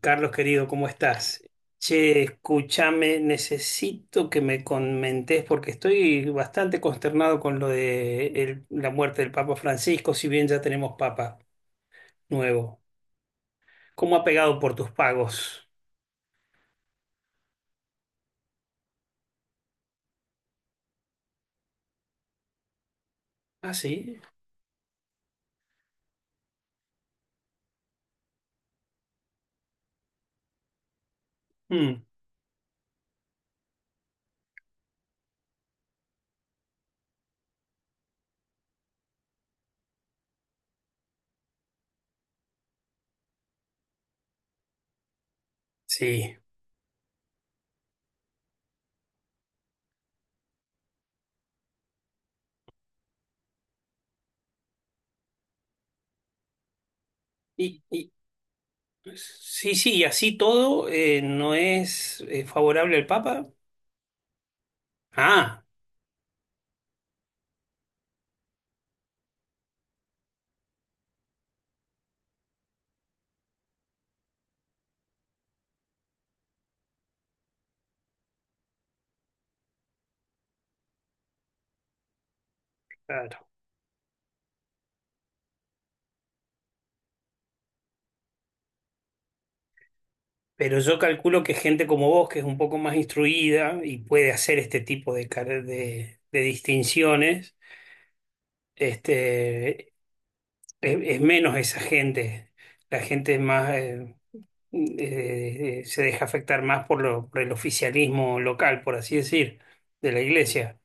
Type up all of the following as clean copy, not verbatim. Carlos querido, ¿cómo estás? Che, escúchame, necesito que me comentes porque estoy bastante consternado con lo de la muerte del Papa Francisco, si bien ya tenemos Papa nuevo. ¿Cómo ha pegado por tus pagos? Ah, sí. Mm, sí. Y, y- sí, sí, y así todo no es favorable al Papa. Ah, claro. Pero yo calculo que gente como vos, que es un poco más instruida y puede hacer este tipo de, de distinciones, este, es menos esa gente. La gente es más, se deja afectar más por, por el oficialismo local, por así decir, de la iglesia.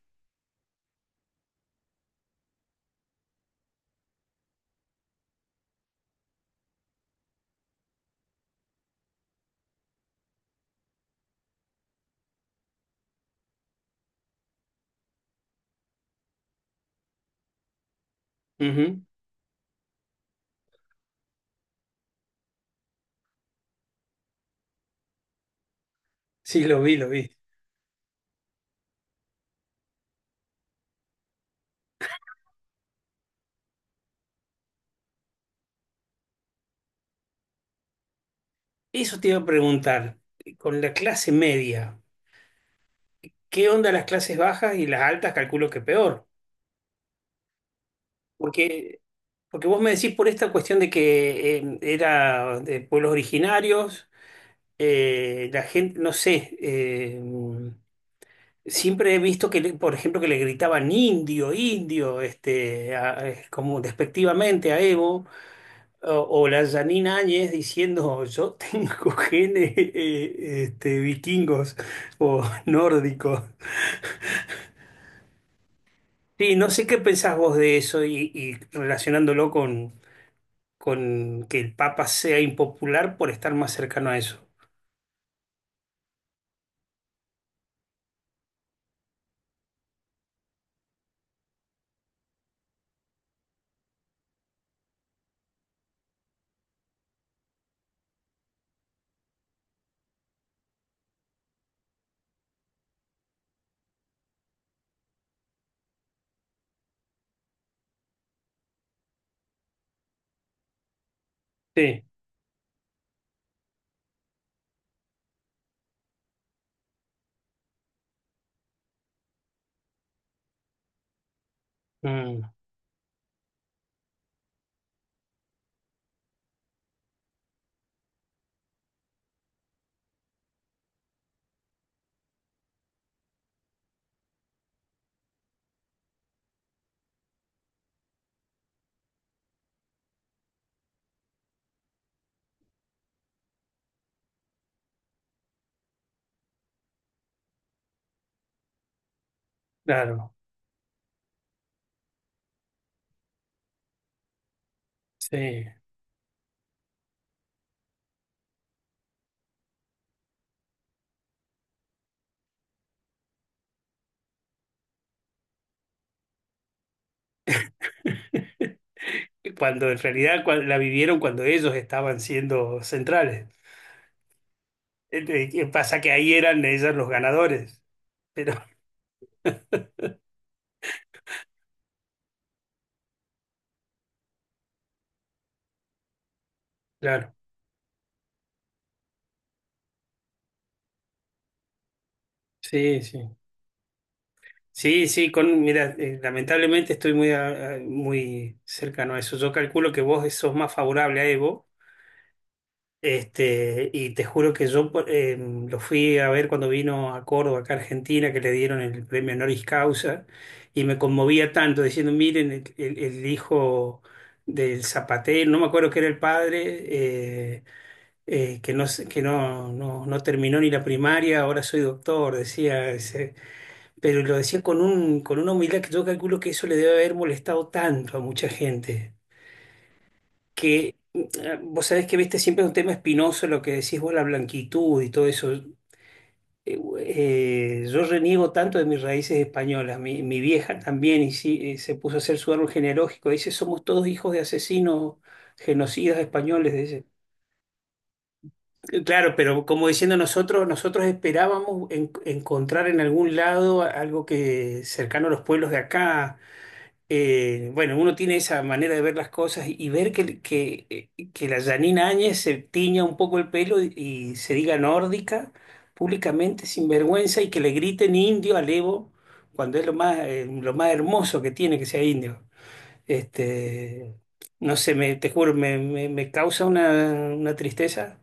Ujú. Sí, lo vi, lo vi. Eso te iba a preguntar, con la clase media, ¿qué onda las clases bajas y las altas? Calculo que peor. Porque Porque vos me decís por esta cuestión de que era de pueblos originarios, la gente, no sé, siempre he visto que, por ejemplo, que le gritaban indio, indio, este, como despectivamente a Evo, o, o la Janine Áñez diciendo, yo tengo genes este, vikingos o nórdicos. Sí, no sé qué pensás vos de eso y relacionándolo con que el Papa sea impopular por estar más cercano a eso. Sí, mm, claro, sí. Cuando en realidad la vivieron cuando ellos estaban siendo centrales. ¿Qué pasa? Que ahí eran ellos los ganadores. Pero, claro, sí, sí. Sí, sí, con, mira, lamentablemente estoy muy, muy cercano a eso. Yo calculo que vos sos más favorable a Evo. Este, y te juro que yo lo fui a ver cuando vino a Córdoba, acá a Argentina, que le dieron el premio honoris causa, y me conmovía tanto diciendo, miren, el hijo del zapatero, no me acuerdo que era el padre, que que no terminó ni la primaria, ahora soy doctor, decía ese, pero lo decía con un, con una humildad que yo calculo que eso le debe haber molestado tanto a mucha gente que vos sabés que viste siempre es un tema espinoso lo que decís vos, la blanquitud y todo eso. Yo reniego tanto de mis raíces españolas. Mi vieja también y sí, se puso a hacer su árbol genealógico. Dice, somos todos hijos de asesinos, genocidas españoles, dice. Claro, pero como diciendo nosotros, nosotros esperábamos encontrar en algún lado algo que cercano a los pueblos de acá. Eh, bueno, uno tiene esa manera de ver las cosas y ver que, que la Janine Áñez se tiña un poco el pelo y se diga nórdica públicamente sin vergüenza y que le griten indio al Evo cuando es lo más hermoso que tiene que sea indio. Este, no sé, te juro, me causa una tristeza.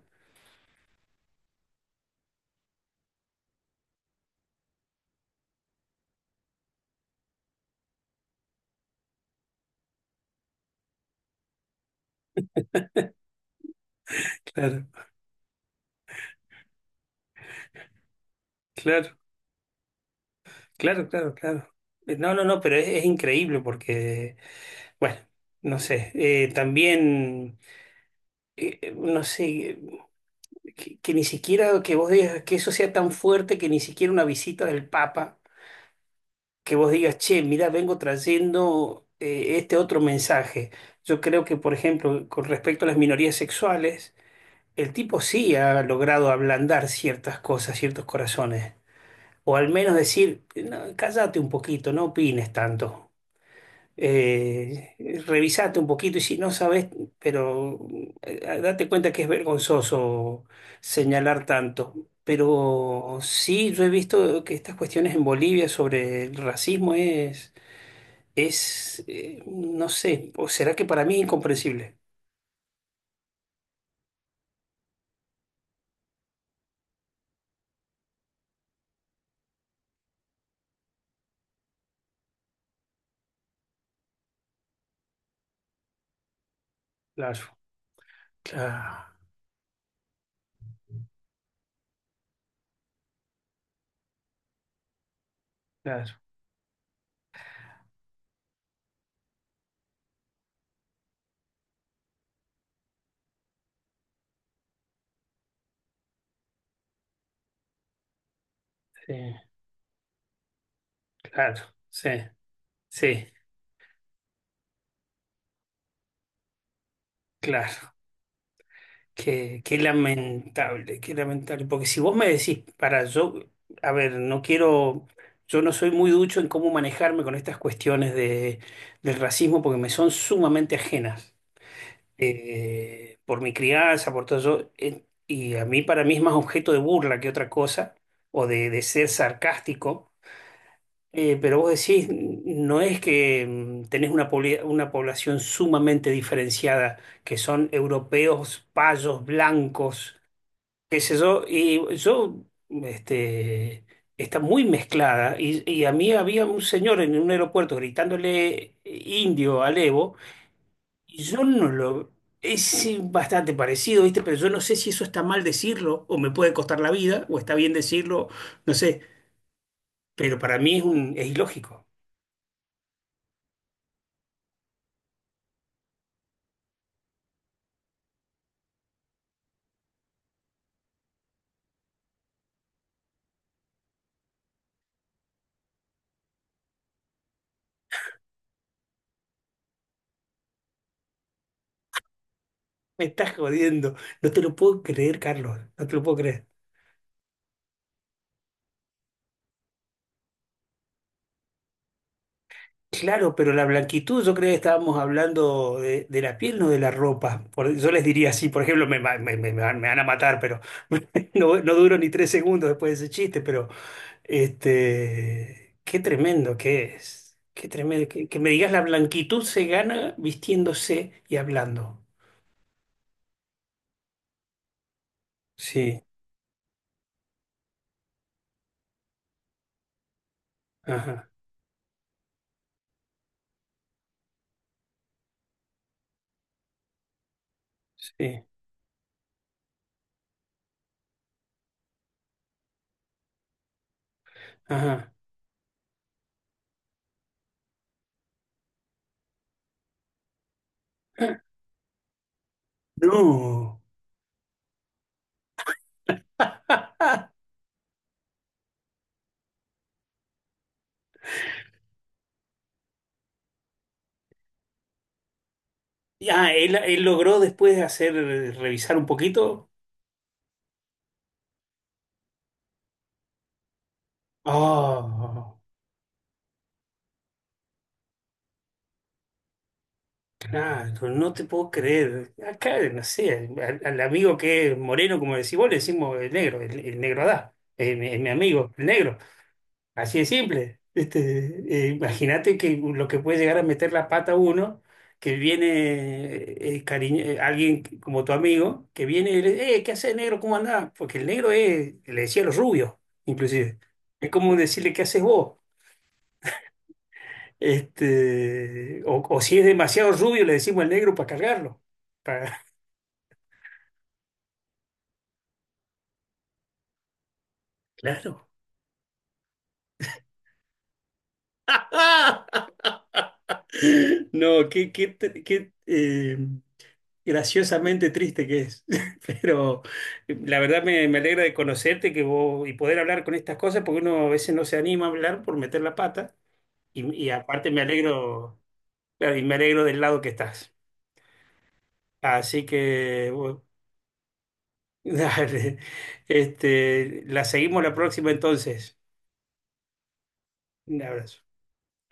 Claro, claro, claro, claro, claro. No, no, no, pero es increíble porque, bueno, no sé, también... no sé, que ni siquiera que vos digas que eso sea tan fuerte que ni siquiera una visita del Papa, que vos digas, che, mira, vengo trayendo este otro mensaje. Yo creo que, por ejemplo, con respecto a las minorías sexuales, el tipo sí ha logrado ablandar ciertas cosas, ciertos corazones, o al menos decir, "No, cállate un poquito, no opines tanto. eh, revisate un poquito y si no sabes, pero date cuenta que es vergonzoso señalar tanto. Pero sí, yo he visto que estas cuestiones en Bolivia sobre el racismo es, no sé, o será que para mí es incomprensible. Claro, claro, claro, sí, claro, sí, sí, claro. Qué, qué lamentable, qué lamentable. Porque si vos me decís, para yo, a ver, no quiero, yo no soy muy ducho en cómo manejarme con estas cuestiones de, del racismo porque me son sumamente ajenas. Eh, por mi crianza, por todo eso. Eh, y a mí, para mí es más objeto de burla que otra cosa, o de ser sarcástico. Pero vos decís, no es que mm, tenés una, una población sumamente diferenciada, que son europeos, payos, blancos, qué sé yo, y yo, este, está muy mezclada, y a mí había un señor en un aeropuerto gritándole indio al Evo, y yo no lo, es bastante parecido, ¿viste? Pero yo no sé si eso está mal decirlo, o me puede costar la vida, o está bien decirlo, no sé, pero para mí es un, es ilógico. Me estás jodiendo, no te lo puedo creer, Carlos, no te lo puedo creer. Claro, pero la blanquitud, yo creo que estábamos hablando de la piel, no de la ropa. Yo les diría así, por ejemplo, me, ma- me- me- me van a matar, pero no, no duro ni tres segundos después de ese chiste, pero este, qué tremendo que es. Qué tremendo. Que me digas, la blanquitud se gana vistiéndose y hablando. Sí, ajá, sí, ajá. No. Ya, él logró después de hacer, revisar un poquito. Oh. Claro, no te puedo creer. Acá, no sé, al amigo que es moreno, como decís vos, le decimos el negro, el negro Adá, es mi amigo, el negro. Así de simple. Este, imagínate que lo que puede llegar a meter la pata uno, que viene alguien como tu amigo, que viene y le dice, ¿qué haces, negro? ¿Cómo andás? Porque el negro es, le decía a los rubios, inclusive. Es como decirle, ¿qué haces vos? Este, o si es demasiado rubio, le decimos el negro para cargarlo. Claro. No, qué, qué, graciosamente triste que es. Pero la verdad me alegra de conocerte que vos, y poder hablar con estas cosas, porque uno a veces no se anima a hablar por meter la pata. Y aparte me alegro, claro, y me alegro del lado que estás. Así que, bueno, dale. Este, la seguimos la próxima entonces. Un abrazo.